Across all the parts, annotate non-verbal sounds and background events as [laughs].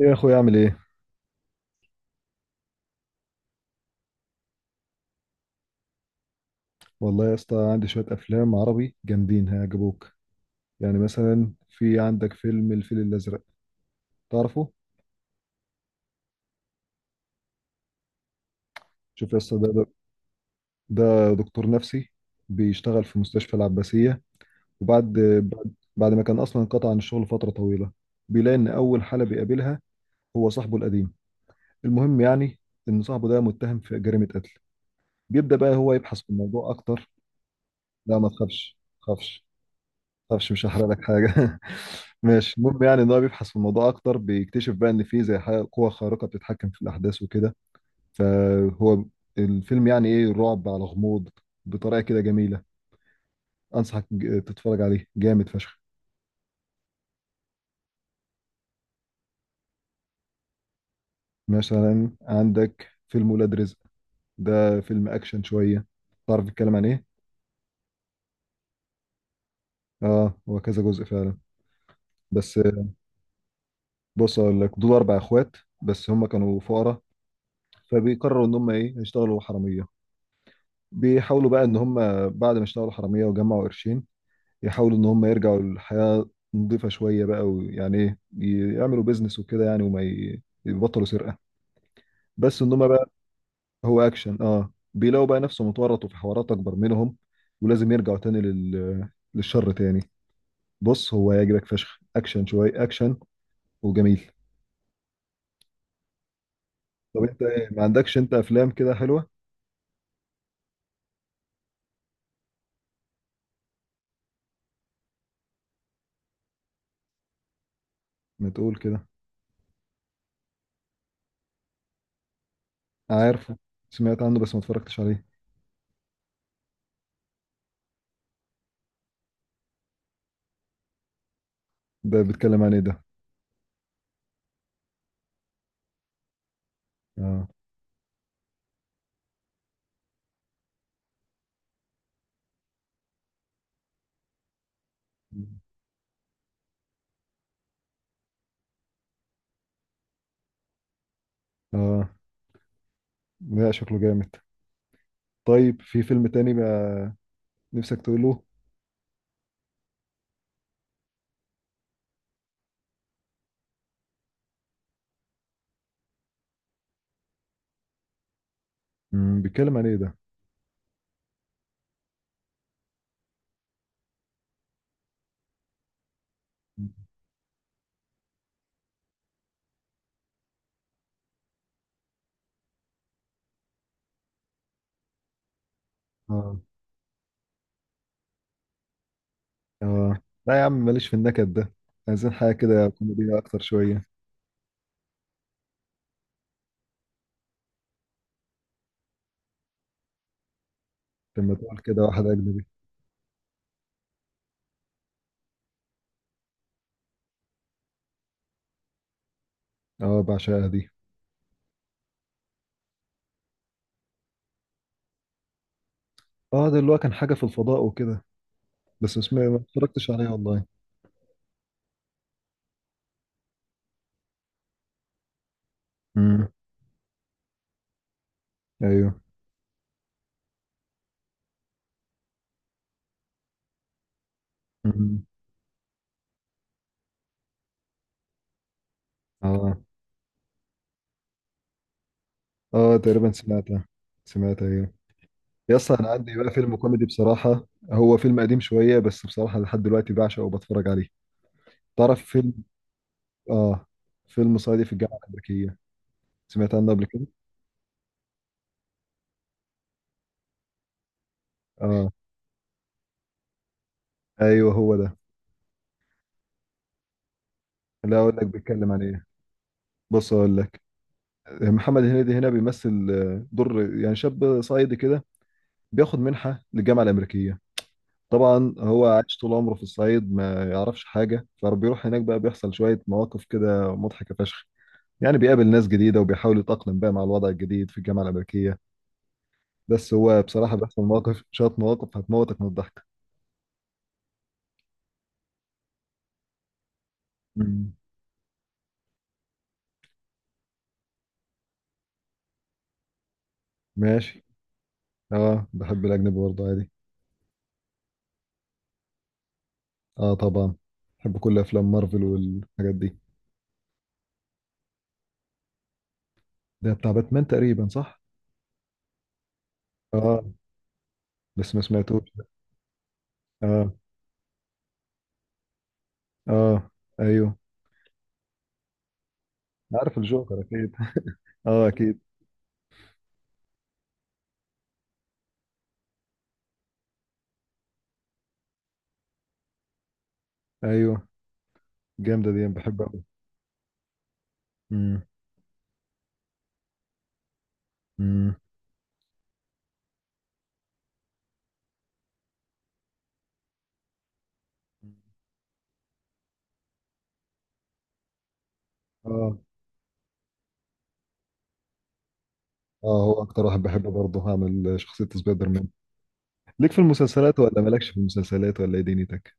ايه يا اخوي اعمل ايه؟ والله يا اسطى عندي شويه افلام عربي جامدين هيعجبوك. يعني مثلا في عندك فيلم الفيل الازرق، تعرفه؟ شوف يا اسطى، ده دكتور نفسي، بيشتغل في مستشفى العباسيه. وبعد بعد, بعد ما كان اصلا انقطع عن الشغل فتره طويله، بيلاقي ان اول حاله بيقابلها هو صاحبه القديم. المهم يعني ان صاحبه ده متهم في جريمه قتل، بيبدا بقى هو يبحث في الموضوع اكتر. لا، ما تخافش ما تخافش، معرفش، مش هحرق لك حاجه. [laughs] ماشي، المهم يعني ان هو بيبحث في الموضوع اكتر، بيكتشف بقى ان في زي حاجه قوه خارقه بتتحكم في الاحداث وكده. فهو الفيلم يعني ايه، رعب على غموض، بطريقه كده جميله. انصحك تتفرج عليه، جامد فشخ. مثلا عندك فيلم ولاد رزق، ده فيلم اكشن شويه، تعرف الكلام عن ايه؟ اه، هو كذا جزء فعلا، بس بص اقول لك، دول اربع اخوات بس هم كانوا فقراء، فبيقرروا ان هم ايه يشتغلوا حراميه. بيحاولوا بقى ان هم بعد ما اشتغلوا حراميه وجمعوا قرشين، يحاولوا ان هم يرجعوا للحياه نظيفه شويه بقى، ويعني ايه، يعملوا بيزنس وكده يعني، وما يبطلوا سرقه. بس ان هم بقى، هو اكشن، اه، بيلاقوا بقى نفسهم اتورطوا في حوارات اكبر منهم، ولازم يرجعوا تاني للشر تاني. بص، هو هيعجبك فشخ، اكشن شويه اكشن وجميل. طب انت ايه، ما عندكش انت افلام كده حلوه؟ ما تقول كده. عارفه، سمعت عنه بس ما اتفرجتش عليه. ده بيتكلم عن ايه ده؟ اه. اه. لا، شكله جامد. طيب في فيلم تاني بقى نفسك تقوله؟ بيتكلم عن ايه ده؟ اه. اه. لا يا عم، ماليش في النكد ده، عايزين حاجه كده كوميديه اكتر شويه. لما تقول كده واحد اجنبي. اه، بعشقها دي. اه، ده اللي هو كان حاجه في الفضاء وكده، بس اسمه إيه؟ ما اتفرجتش عليه والله. امم. ايوه. امم. اه. اه، تقريبا سمعتها. سمعتها، ايوه. يا اسطى انا عندي بقى فيلم كوميدي بصراحه، هو فيلم قديم شويه بس بصراحه لحد دلوقتي بعشقه وبتفرج عليه. تعرف فيلم؟ اه. فيلم صعيدي في الجامعة الأمريكية، سمعت عنه قبل كده؟ اه، ايوه هو ده. لا، اقول لك بيتكلم عن ايه، بص اقول لك. محمد هنيدي هنا بيمثل دور يعني شاب صعيدي كده، بياخد منحة للجامعة الأمريكية. طبعا هو عايش طول عمره في الصعيد، ما يعرفش حاجة، فبيروح هناك بقى بيحصل شوية مواقف كده مضحكة فشخ. يعني بيقابل ناس جديدة وبيحاول يتأقلم بقى مع الوضع الجديد في الجامعة الأمريكية، بس هو بصراحة بيحصل مواقف، شوية مواقف هتموتك من الضحك. مم. ماشي. اه، بحب الأجنبي برضه عادي. اه طبعا، بحب كل افلام مارفل والحاجات دي. ده بتاع باتمان تقريبا، صح؟ اه، بس ما سمعتوش. اه. اه. ايوه. عارف الجوكر اكيد. [laughs] اه، اكيد. ايوه، جامده دي، أنا بحبها قوي. امم. امم. اه. اه، هو اكتر واحد بحبه برضه، هعمل شخصيه سبايدر مان. ليك في المسلسلات ولا مالكش في المسلسلات، ولا ايه دنيتك؟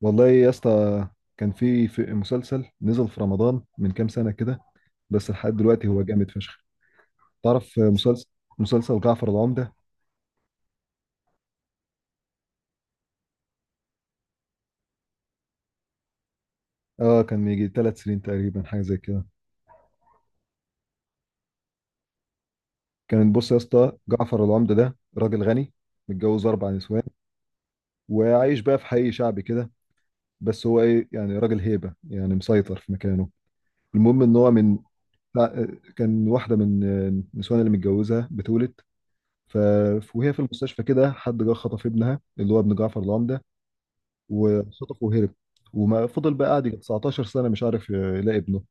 والله يا اسطى، كان في مسلسل نزل في رمضان من كام سنه كده، بس لحد دلوقتي هو جامد فشخ. تعرف مسلسل؟ مسلسل جعفر العمدة. اه، كان من يجي 3 سنين تقريبا، حاجه زي كده. كان بص يا اسطى، جعفر العمده ده راجل غني، متجوز اربع نسوان، وعايش بقى في حي شعبي كده، بس هو ايه يعني راجل هيبه، يعني مسيطر في مكانه. المهم ان هو من، كان واحده من النسوان اللي متجوزها بتولد، ف... وهي في المستشفى كده حد جه خطف ابنها اللي هو ابن جعفر العمده، وخطفه وهرب. وما فضل بقى قاعد يجي 19 سنه مش عارف يلاقي ابنه.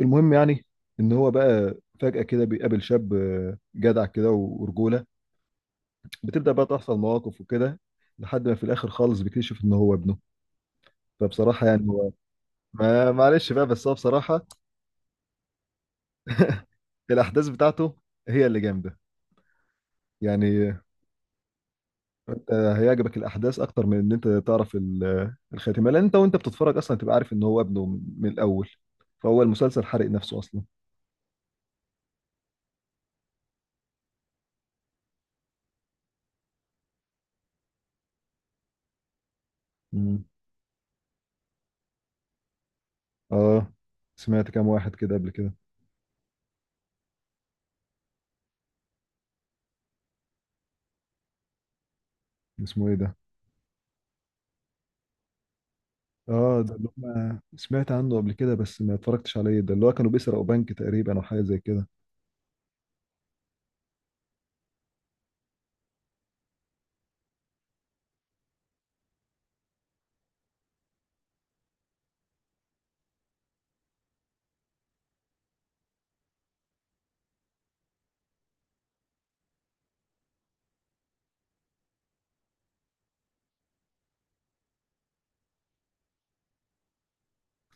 المهم يعني ان هو بقى، فجأة كده بيقابل شاب جدع كده ورجولة، بتبدأ بقى تحصل مواقف وكده، لحد ما في الاخر خالص بيكتشف ان هو ابنه. فبصراحة يعني هو، ما معلش بقى، بس هو بصراحة الاحداث بتاعته هي اللي جامدة، يعني هيعجبك الاحداث اكتر من ان انت تعرف الخاتمة، لان انت وانت بتتفرج اصلا تبقى عارف ان هو ابنه من الاول، فهو المسلسل حرق نفسه اصلا. مم. اه، سمعت كام واحد كده قبل كده. اسمه ايه ده؟ اه، ده اللي هم سمعت عنه قبل كده بس ما اتفرجتش عليه، ده اللي هو كانوا بيسرقوا بنك تقريبا او حاجه زي كده.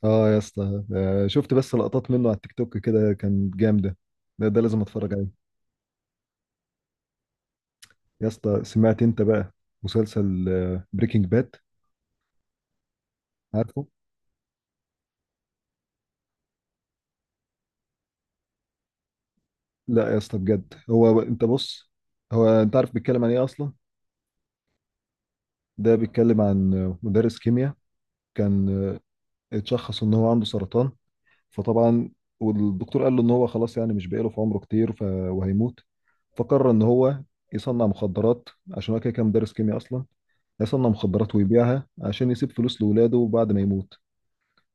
اه يا اسطى، شفت بس لقطات منه على التيك توك كده، كان جامده، ده لازم اتفرج عليه. يا اسطى سمعت انت بقى مسلسل بريكنج باد؟ عارفه. لا يا اسطى بجد، هو انت بص، هو انت عارف بيتكلم عن ايه اصلا؟ ده بيتكلم عن مدرس كيمياء، كان اتشخص ان هو عنده سرطان. فطبعا والدكتور قال له ان هو خلاص، يعني مش باقي له في عمره كتير، وهيموت. فقرر ان هو يصنع مخدرات، عشان هو كده كان مدرس كيمياء اصلا، هيصنع مخدرات ويبيعها عشان يسيب فلوس لاولاده بعد ما يموت.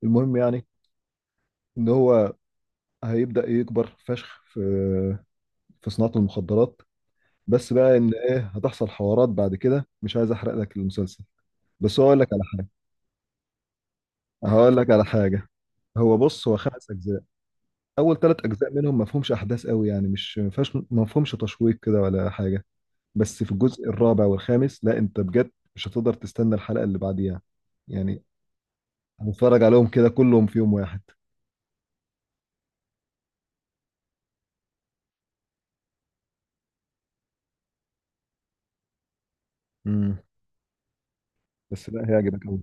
المهم يعني ان هو هيبدأ يكبر فشخ في صناعة المخدرات. بس بقى ان ايه هتحصل حوارات بعد كده، مش عايز احرق لك المسلسل. بس هقول لك على حاجة. هو بص، هو خمس اجزاء. اول ثلاث اجزاء منهم ما فيهمش احداث قوي، يعني مش ما فيهاش ما فيهمش تشويق كده ولا حاجة. بس في الجزء الرابع والخامس، لا انت بجد مش هتقدر تستنى الحلقة اللي بعديها، يعني هنتفرج عليهم كده كلهم في يوم واحد. امم. بس لا، هيعجبك قوي.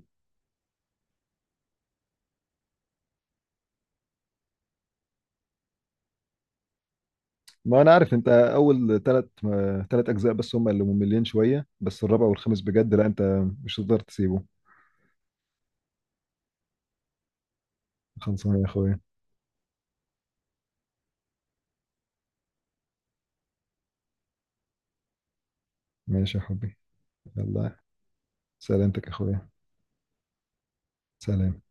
ما انا عارف، انت اول ثلاث اجزاء بس هم اللي مملين شوية، بس الرابع والخامس بجد لا، انت مش هتقدر تسيبه. خلصانه يا اخويا. ماشي يا حبي. يلا. سلامتك يا اخويا. سلام.